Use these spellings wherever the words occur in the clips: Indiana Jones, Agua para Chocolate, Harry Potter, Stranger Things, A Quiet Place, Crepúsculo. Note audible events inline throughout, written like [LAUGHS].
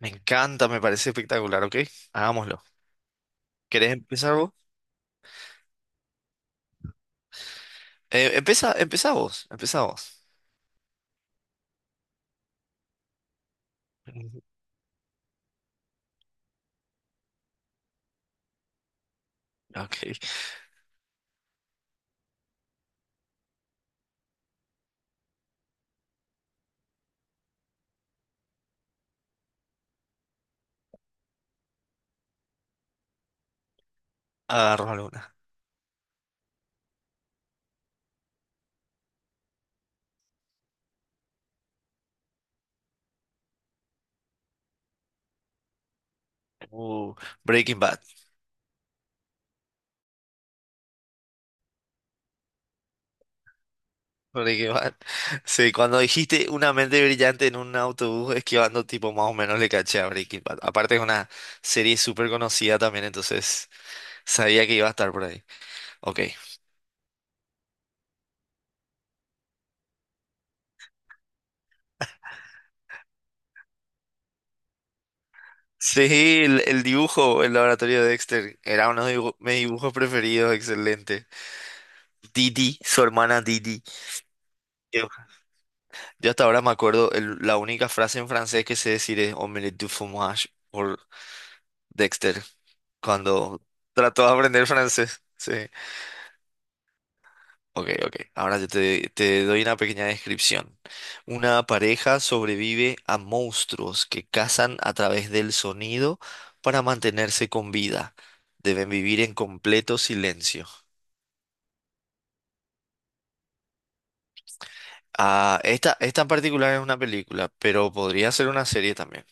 Me encanta, me parece espectacular, ¿ok? Hagámoslo. ¿Querés empezar vos? Empieza vos, empezá vos. [LAUGHS] Ok, agarro alguna. Uh, Breaking Bad. Breaking Bad. [LAUGHS] Sí, cuando dijiste una mente brillante en un autobús esquivando, tipo, más o menos le caché a Breaking Bad. Aparte es una serie súper conocida también, entonces sabía que iba a estar por ahí. Ok. Sí, el dibujo, el laboratorio de Dexter, era uno de mis dibujos preferidos, excelente. Didi, su hermana Didi. Yo hasta ahora me acuerdo, la única frase en francés que sé decir es omelette du fromage por Dexter, cuando trató de aprender francés. Sí. Ok, ok. Ahora yo te doy una pequeña descripción. Una pareja sobrevive a monstruos que cazan a través del sonido para mantenerse con vida. Deben vivir en completo silencio. Ah, esta en particular es una película, pero podría ser una serie también.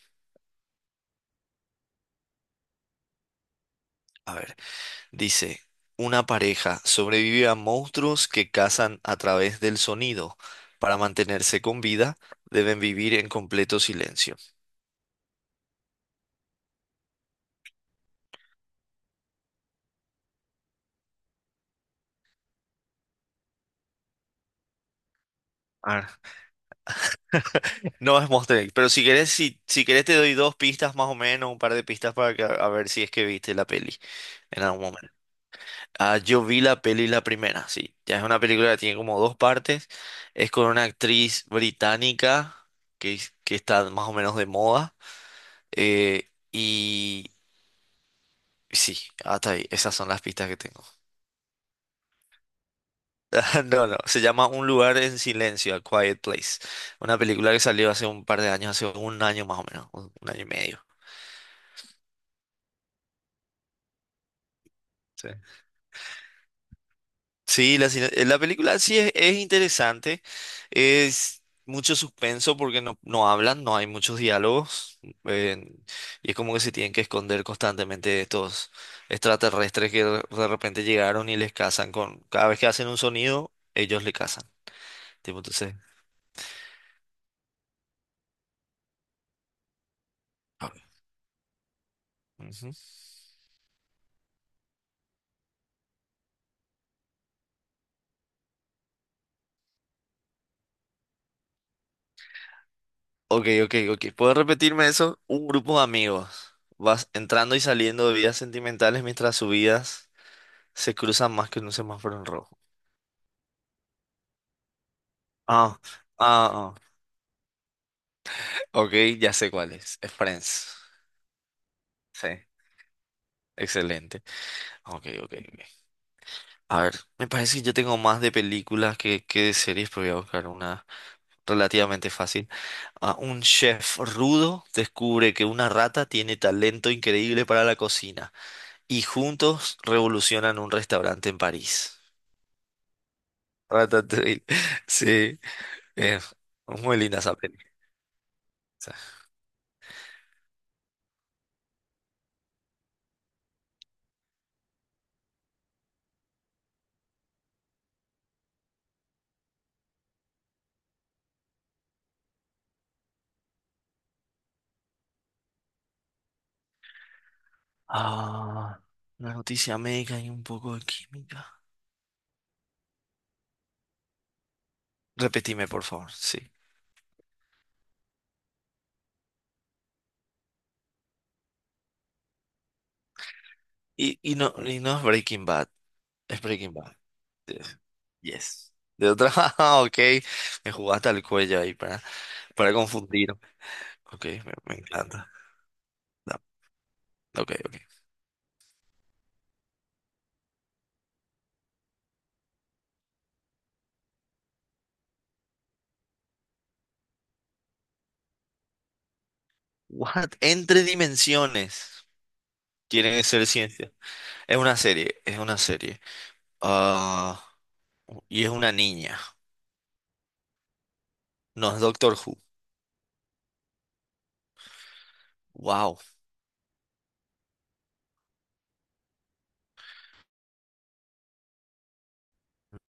A ver. Dice, una pareja sobrevive a monstruos que cazan a través del sonido. Para mantenerse con vida, deben vivir en completo silencio. Ah, no es Monster Inc., pero si querés, si querés te doy dos pistas más o menos, un par de pistas para que, a ver si es que viste la peli en algún momento. Ah, yo vi la peli la primera, sí. Ya es una película que tiene como dos partes. Es con una actriz británica que, que está más o menos de moda. eh, y sí, hasta ahí. Esas son las pistas que tengo. [LAUGHS] No, no. Se llama Un lugar en silencio, A Quiet Place. Una película que salió hace un par de años, hace un año más o menos, un año y medio. Sí, sí, la película sí es interesante. Es mucho suspenso porque no, no hablan, no hay muchos diálogos. eh, y es como que se tienen que esconder constantemente de estos extraterrestres que de repente llegaron y les cazan con... Cada vez que hacen un sonido, ellos le cazan. Tipo, entonces... Ujú. Ok, ok, ok. ¿Puedo repetirme eso? Un grupo de amigos. Vas entrando y saliendo de vidas sentimentales mientras sus vidas se cruzan más que en un semáforo en rojo. Ah, ah, ah. Ok, ya sé cuál es. Es Friends. Sí, excelente. Ok, ok, ok. A ver, me parece que yo tengo más de películas que de series, pero voy a buscar una relativamente fácil. Ah, un chef rudo descubre que una rata tiene talento increíble para la cocina y juntos revolucionan un restaurante en París. Ratatouille. [LAUGHS] Sí, es muy linda esa película. Ah, una noticia médica y un poco de química. Repetime, por favor, sí. Y no, es Breaking Bad. Yes, yes. De otra, [LAUGHS] ah, ok, me jugaste al cuello ahí para confundir. Ok, me encanta. Da- Ok, ok. What? Entre dimensiones. Tiene que ser ciencia. Es una serie. Ah, y es una niña. No es Doctor Who. Wow.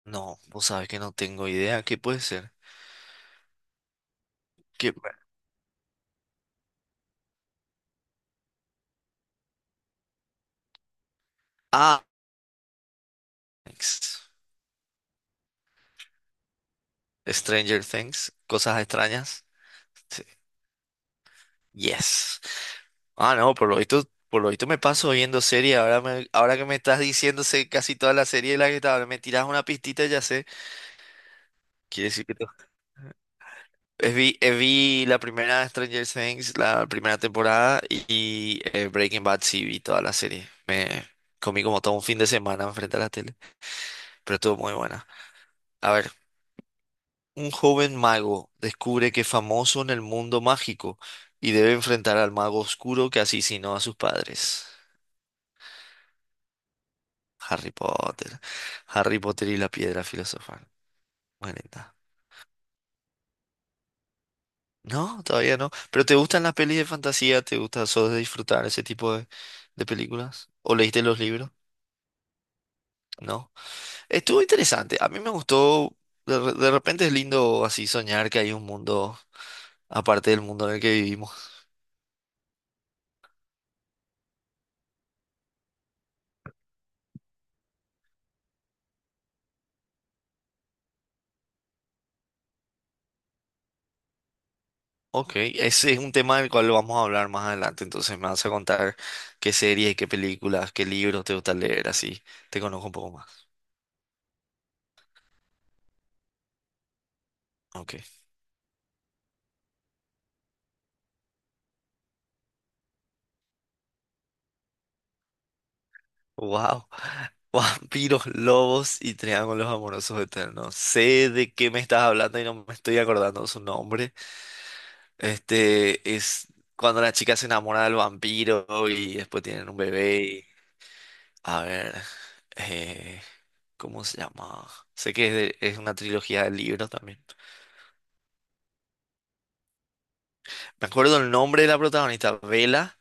No, vos sabés que no tengo idea. ¿Qué puede ser? ¿Qué... Ah, Things. Stranger Things. Cosas extrañas. Sí. Yes. Ah, no, por lo visto me paso viendo series. Ahora, ahora que me estás diciendo sé casi toda la serie de la que estaba, me tiras una pistita y ya sé. Quiere decir que vi la primera Stranger Things, la primera temporada y Breaking Bad sí vi toda la serie. Me comí como todo un fin de semana enfrente a la tele, pero estuvo muy buena. A ver, un joven mago descubre que es famoso en el mundo mágico y debe enfrentar al mago oscuro que asesinó a sus padres. Harry Potter. Harry Potter y la piedra filosofal. Buenita. No, todavía no. ¿Pero te gustan las pelis de fantasía? ¿Te gusta solo de disfrutar ese tipo de películas? ¿O leíste los libros? ¿No? Estuvo interesante. A mí me gustó. De, de repente es lindo así soñar que hay un mundo aparte del mundo en el que vivimos. Ok, ese es un tema del cual vamos a hablar más adelante. Entonces me vas a contar qué series, qué películas, qué libros te gusta leer, así te conozco un poco más. Ok. Wow. [LAUGHS] Vampiros, lobos y triángulos amorosos eternos. Sé de qué me estás hablando y no me estoy acordando su nombre. Este es cuando la chica se enamora del vampiro y después tienen un bebé. Y a ver, eh, ¿cómo se llama? Sé que es, es una trilogía de libros también. Me acuerdo el nombre de la protagonista, Bella,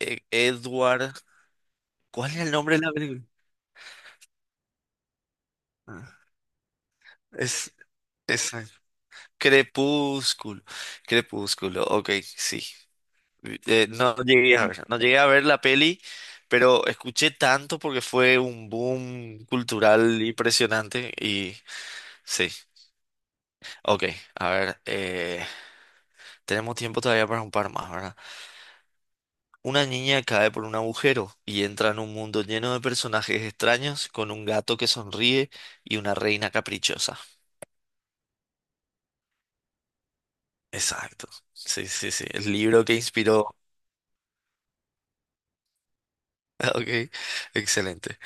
Edward. ¿Cuál es el nombre de la película? Ah, es, es eh, Crepúsculo. Crepúsculo, ok, sí. No llegué a ver la peli, pero escuché tanto porque fue un boom cultural impresionante y sí, ok, a ver, tenemos tiempo todavía para un par más, ¿verdad? Una niña cae por un agujero y entra en un mundo lleno de personajes extraños con un gato que sonríe y una reina caprichosa. Exacto, sí, sí, sí, el libro que inspiró. [LAUGHS] Ok, excelente.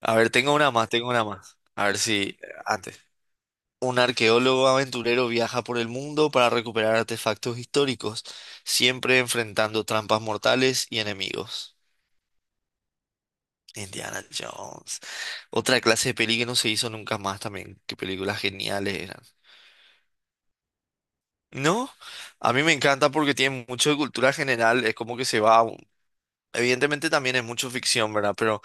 A ver, tengo una más. A ver si antes. Un arqueólogo aventurero viaja por el mundo para recuperar artefactos históricos, siempre enfrentando trampas mortales y enemigos. Indiana Jones. Otra clase de peli que no se hizo nunca más también. Qué películas geniales eran. No, a mí me encanta porque tiene mucho de cultura general, es como que se va... Evidentemente también es mucho ficción, ¿verdad? Pero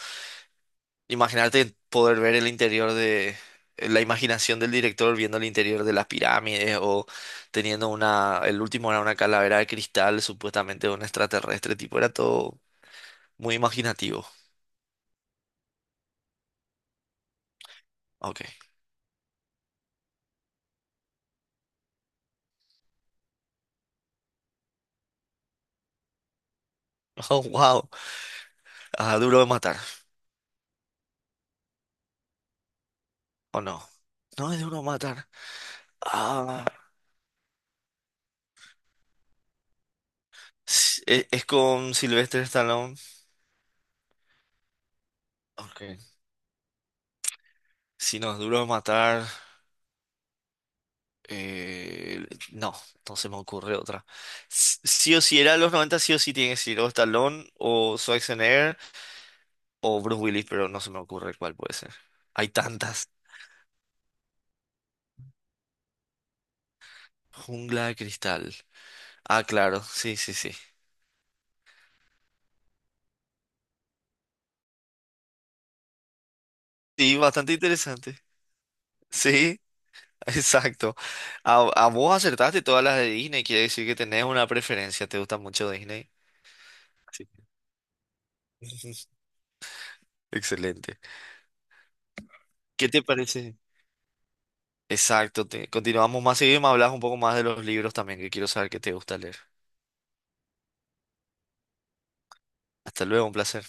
imaginarte poder ver el interior de la imaginación del director viendo el interior de las pirámides o teniendo una, el último era una calavera de cristal, supuestamente de un extraterrestre, tipo, era todo muy imaginativo. Ok. [LAUGHS] Oh, wow. Ah, duro de matar. ¿O no? No es duro de matar. Ah, es, con Sylvester Stallone. Ok. Si no, es duro de matar. Eh, no, no se me ocurre otra. Sí o sí, era los 90. Sí o sí tiene que ser o Stallone o Schwarzenegger o Bruce Willis, pero no se me ocurre cuál puede ser. Hay tantas. Jungla de cristal. Ah, claro, sí, sí, sí. Sí, bastante interesante. Sí, [LAUGHS] exacto. A vos acertaste todas las de Disney, quiere decir que tenés una preferencia, te gusta mucho Disney. Sí. [LAUGHS] Excelente. ¿Qué te parece? Exacto, continuamos más seguido y me hablas un poco más de los libros también, que quiero saber qué te gusta leer. Hasta luego, un placer.